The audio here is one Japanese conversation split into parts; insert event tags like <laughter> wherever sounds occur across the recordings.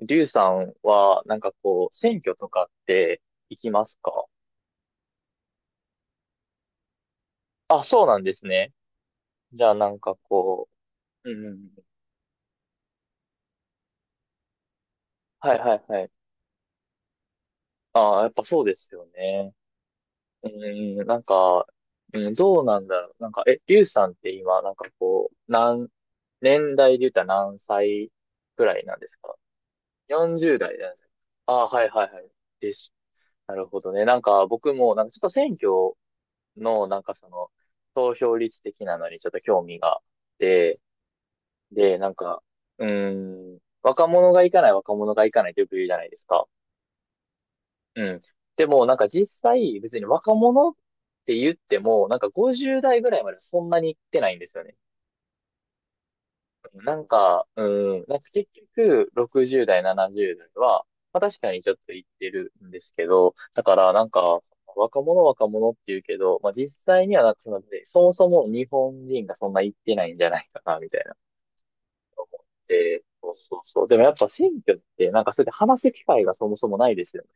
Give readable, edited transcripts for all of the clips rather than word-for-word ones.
リュウさんは、選挙とかって行きますか？あ、そうなんですね。じゃあう、うんうんうん、はいはいはい。ああ、やっぱそうですよね。うん、なんか、うん、どうなんだろう。リュウさんって今、年代で言ったら何歳くらいなんですか？ 40 代んです、ああ、はいはいはい。です。なるほどね。僕も、ちょっと選挙の、投票率的なのにちょっと興味があって、で、なんか、うーん、若者が行かない若者が行かないってよく言うじゃないですか。うん。でも、実際、別に若者って言っても、50代ぐらいまでそんなに行ってないんですよね。結局、60代、70代は、まあ確かにちょっと言ってるんですけど、だからなんか、若者若者って言うけど、まあ実際にはなってしまって、そもそも日本人がそんな言ってないんじゃないかな、みたいな。そうそうそう。でもやっぱ選挙って、それで話す機会がそもそもないですよね。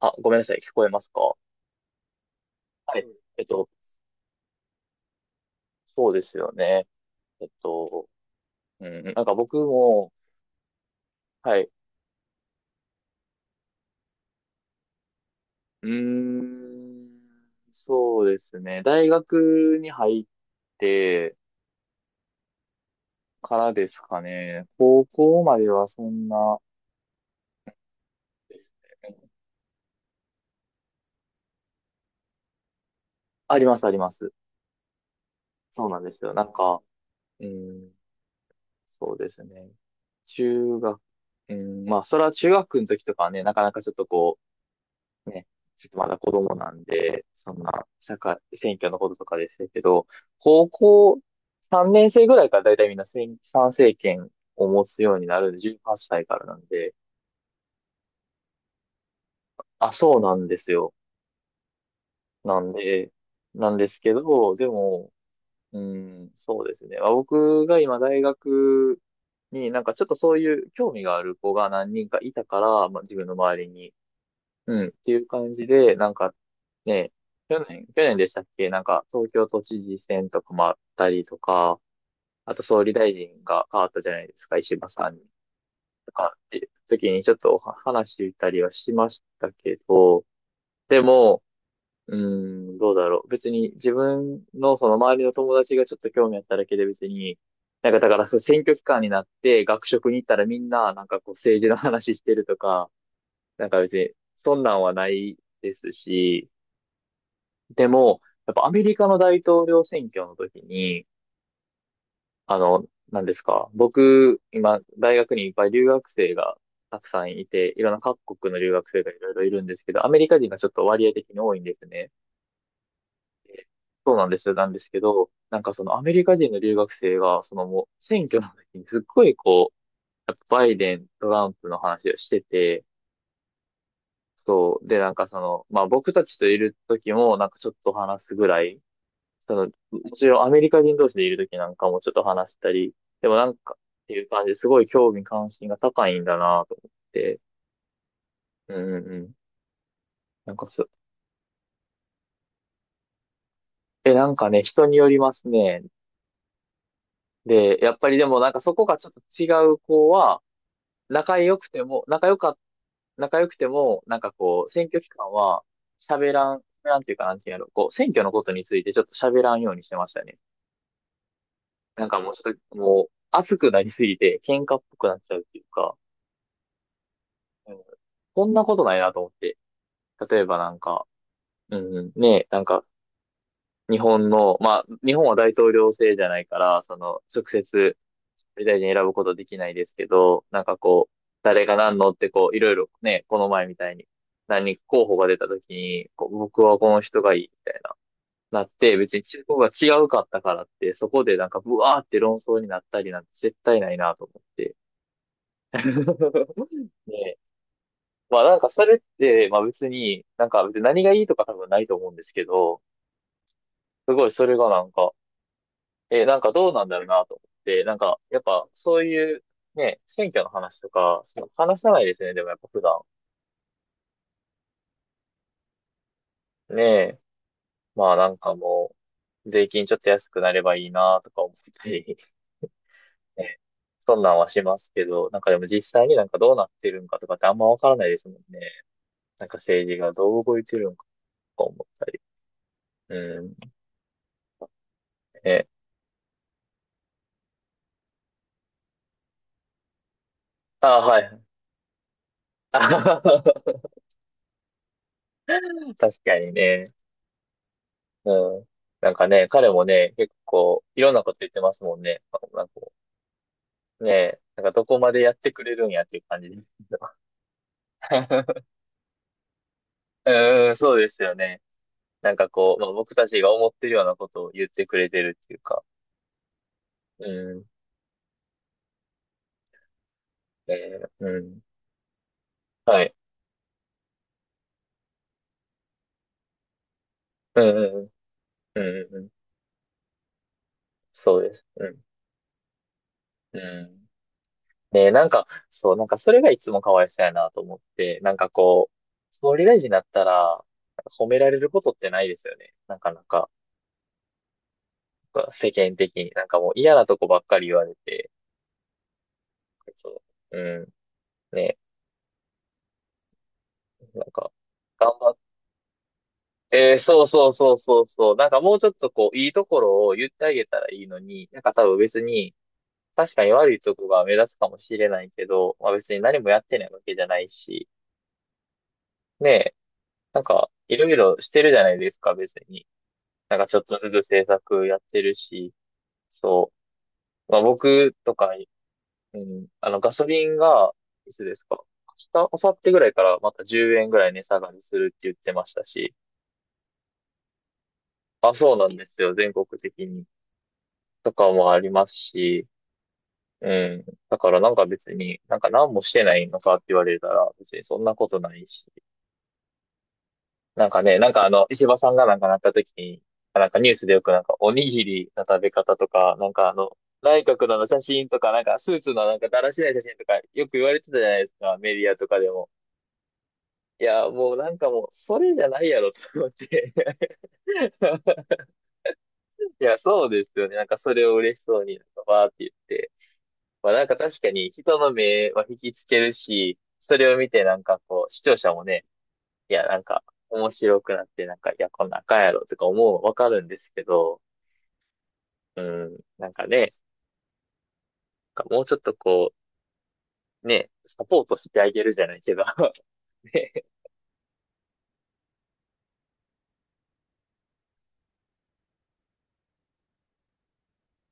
あ、ごめんなさい、聞こえますか？はい。えっと、そうですよね。えっと、僕も、はい。うーん、そうですね。大学に入ってからですかね。高校まではそんな、あります、あります。そうなんですよ。うん、そうですね。中学、うん、まあ、それは中学の時とかはね、なかなかちょっとこね、ちょっとまだ子供なんで、そんな、社会、選挙のこととかでしたけど、高校3年生ぐらいからだいたいみんな選参政権を持つようになるんで、18歳からなんで、あ、そうなんですよ。なんで、なんですけど、でも、うん、そうですね。まあ、僕が今大学にちょっとそういう興味がある子が何人かいたから、まあ、自分の周りに。うん、っていう感じで、ね、去年でしたっけ、東京都知事選とかもあったりとか、あと総理大臣が変わったじゃないですか、石破さんとかっていう時にちょっとお話したりはしましたけど、でも、うどうだろう。別に自分のその周りの友達がちょっと興味あっただけで別に、なんかだからそう選挙期間になって学食に行ったらみんななんかこう政治の話してるとか、なんか別にそんなんはないですし、でも、やっぱアメリカの大統領選挙の時に、あの、何ですか、僕、今、大学にいっぱい留学生がたくさんいて、いろんな各国の留学生がいろいろいるんですけど、アメリカ人がちょっと割合的に多いんですね。そうなんですよ、なんですけど、そのアメリカ人の留学生が、そのもう選挙の時にすっごいこう、やっぱバイデン、トランプの話をしてて、そう、でなんかその、まあ僕たちといる時もなんかちょっと話すぐらい、その、もちろんアメリカ人同士でいるときなんかもちょっと話したり、でもなんかっていう感じですごい興味関心が高いんだなと思って、うんうんうん。なんかそ、え、なんかね、人によりますね。で、やっぱりでもそこがちょっと違う子は、仲良くても、仲良か、仲良くても、なんかこう、選挙期間は喋らんっていうかなんていうやろ、こう、選挙のことについてちょっと喋らんようにしてましたね。もうちょっと、もう、熱くなりすぎて、喧嘩っぽくなっちゃうっていうか、うんこんなことないなと思って。例えばなんか、うん、ね、なんか、日本の、まあ、日本は大統領制じゃないから、その、直接、総理大臣選ぶことできないですけど、なんかこう、誰が何のってこう、いろいろね、この前みたいに、何人か候補が出た時に、こう僕はこの人がいいみたいな、なって、別に中国が違うかったからって、そこでなんか、ブワーって論争になったりなんて絶対ないなと思って。<laughs> ね、それって、まあ別に、なんか別に何がいいとか多分ないと思うんですけど、すごいそれがなんか、どうなんだろうなと思って、なんかやっぱそういうね、選挙の話とか、話さないですね、でもやっぱ普段。ねえ、もう、税金ちょっと安くなればいいなとか思ったり、<laughs> ね、そんなんはしますけど、なんかでも実際になんかどうなってるんかとかってあんまわからないですもんね。なんか政治がどう動いてるんかとか思ったり。うん。ね。あ、はい。 <laughs> あははは、確かにね。うん。なんかね、彼もね、結構、いろんなこと言ってますもんね。なんかこう、ね、なんかどこまでやってくれるんやっていう感じですけど。<laughs> うん、そうですよね。なんかこう、まあ、僕たちが思ってるようなことを言ってくれてるっていうか。うん。えーうん。はい。うん、うん、うん、うん。うんうんそうです。うん。うん。ね、そう、なんかそれがいつもかわいそうやなと思って、なんかこう、総理大臣になったら、なんか褒められることってないですよね。なかなか、世間的に、なんかもう嫌なとこばっかり言われて、そう、うん、ね、なんか、頑張って、そうそうそうそうそう、なんかもうちょっとこう、いいところを言ってあげたらいいのに、なんか多分別に、確かに悪いとこが目立つかもしれないけど、まあ別に何もやってないわけじゃないし、ね、なんか、いろいろしてるじゃないですか、別に。なんかちょっとずつ制作やってるし、そう。まあ僕とか、うん、あのガソリンが、いつですか、明日、明後日ぐらいからまた10円ぐらい値下がりするって言ってましたし、あ、そうなんですよ。全国的に。とかもありますし、うん。だからなんか別に、なんか何もしてないのかって言われたら、別にそんなことないし。なんかね、なんかあの、石破さんがなんかなった時に、なんかニュースでよくなんかおにぎりの食べ方とか、なんかあの、内閣のあの写真とか、なんかスーツのなんかだらしない写真とか、よく言われてたじゃないですか、メディアとかでも。いや、もうなんかもう、それじゃないやろ、と思って。<laughs> いや、そうですよね。なんかそれを嬉しそうに、なんかバーって言って。まあ確かに人の目は引きつけるし、それを見て、視聴者もね、いや、なんか、面白くなって、いや、こんなんあかんやろとか思うわかるんですけど、うん、なんかね、なんかもうちょっとこう、ね、サポートしてあげるじゃないけど、<laughs> ね、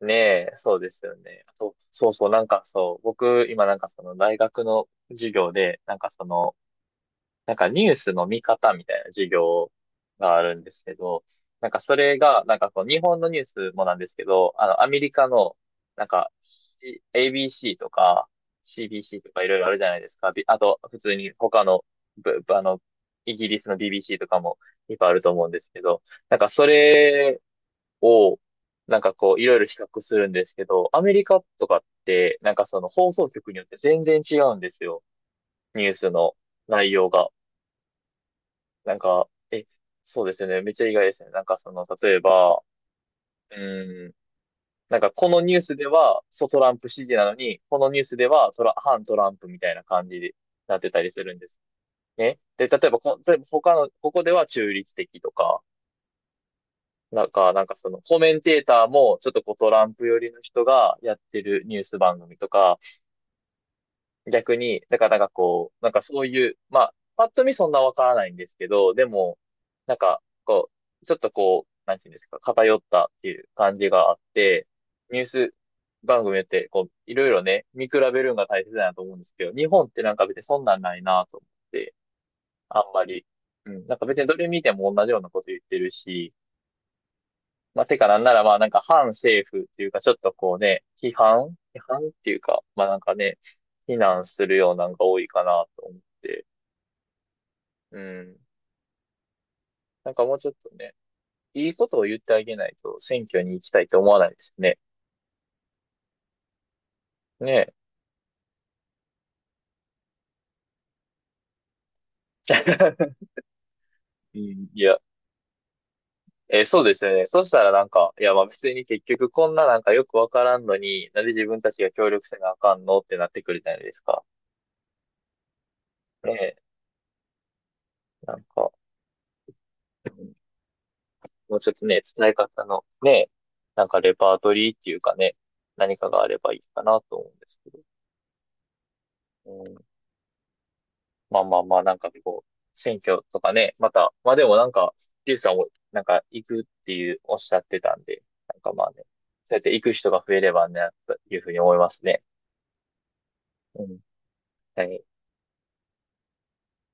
ねえ、そうですよね。あと、そうそう、僕、今大学の授業で、なんかニュースの見方みたいな授業があるんですけど、なんかそれが、日本のニュースもなんですけど、あのアメリカの、なんか ABC とか CBC とかいろいろあるじゃないですか。びあと普通に他の、ぶぶあの、イギリスの BBC とかもいっぱいあると思うんですけど、なんかそれを、なんかこういろいろ比較するんですけど、アメリカとかって、なんかその放送局によって全然違うんですよ。ニュースの内容が。なんか、え、そうですよね。めっちゃ意外ですね。なんかその、例えば、うーん、なんかこのニュースでは、そうトランプ支持なのに、このニュースでは反トランプみたいな感じになってたりするんです。ね。で、例えば他の、ここでは中立的とか、なんかその、コメンテーターも、ちょっとこうトランプ寄りの人がやってるニュース番組とか、逆に、だからなんかそういう、まあ、パッと見そんなわからないんですけど、でも、なんか、こちょっとこう、なんていうんですか、偏ったっていう感じがあって、ニュース番組って、こう、いろいろね、見比べるのが大切だなと思うんですけど、日本ってなんか別にそんなんないなと思って、あんまり、うん、なんか別にどれ見ても同じようなこと言ってるし、まあ、てかなんならまあなんか反政府っていうかちょっとこうね、批判っていうか、まあなんかね、非難するようなんが多いかなと思って。うん。なんかもうちょっとね、いいことを言ってあげないと選挙に行きたいと思わないですよね。ねえ。<laughs> うん、いや、えーそうですよね。そしたらなんか、いやまあ別に結局こんななんかよくわからんのに、なんで自分たちが協力せなあかんのってなってくるじゃないですか。ねえ。なんか。もうちょっとね、伝え方のね、なんかレパートリーっていうかね、何かがあればいいかなと思うんですけど。うん、まあまあまあ、なんかこう、選挙とかね、また、まあでもなんか、ジュースさんもなんか行くっていうおっしゃってたんで、なんかまあね、そうやって行く人が増えればね、というふうに思いますね。うん。はい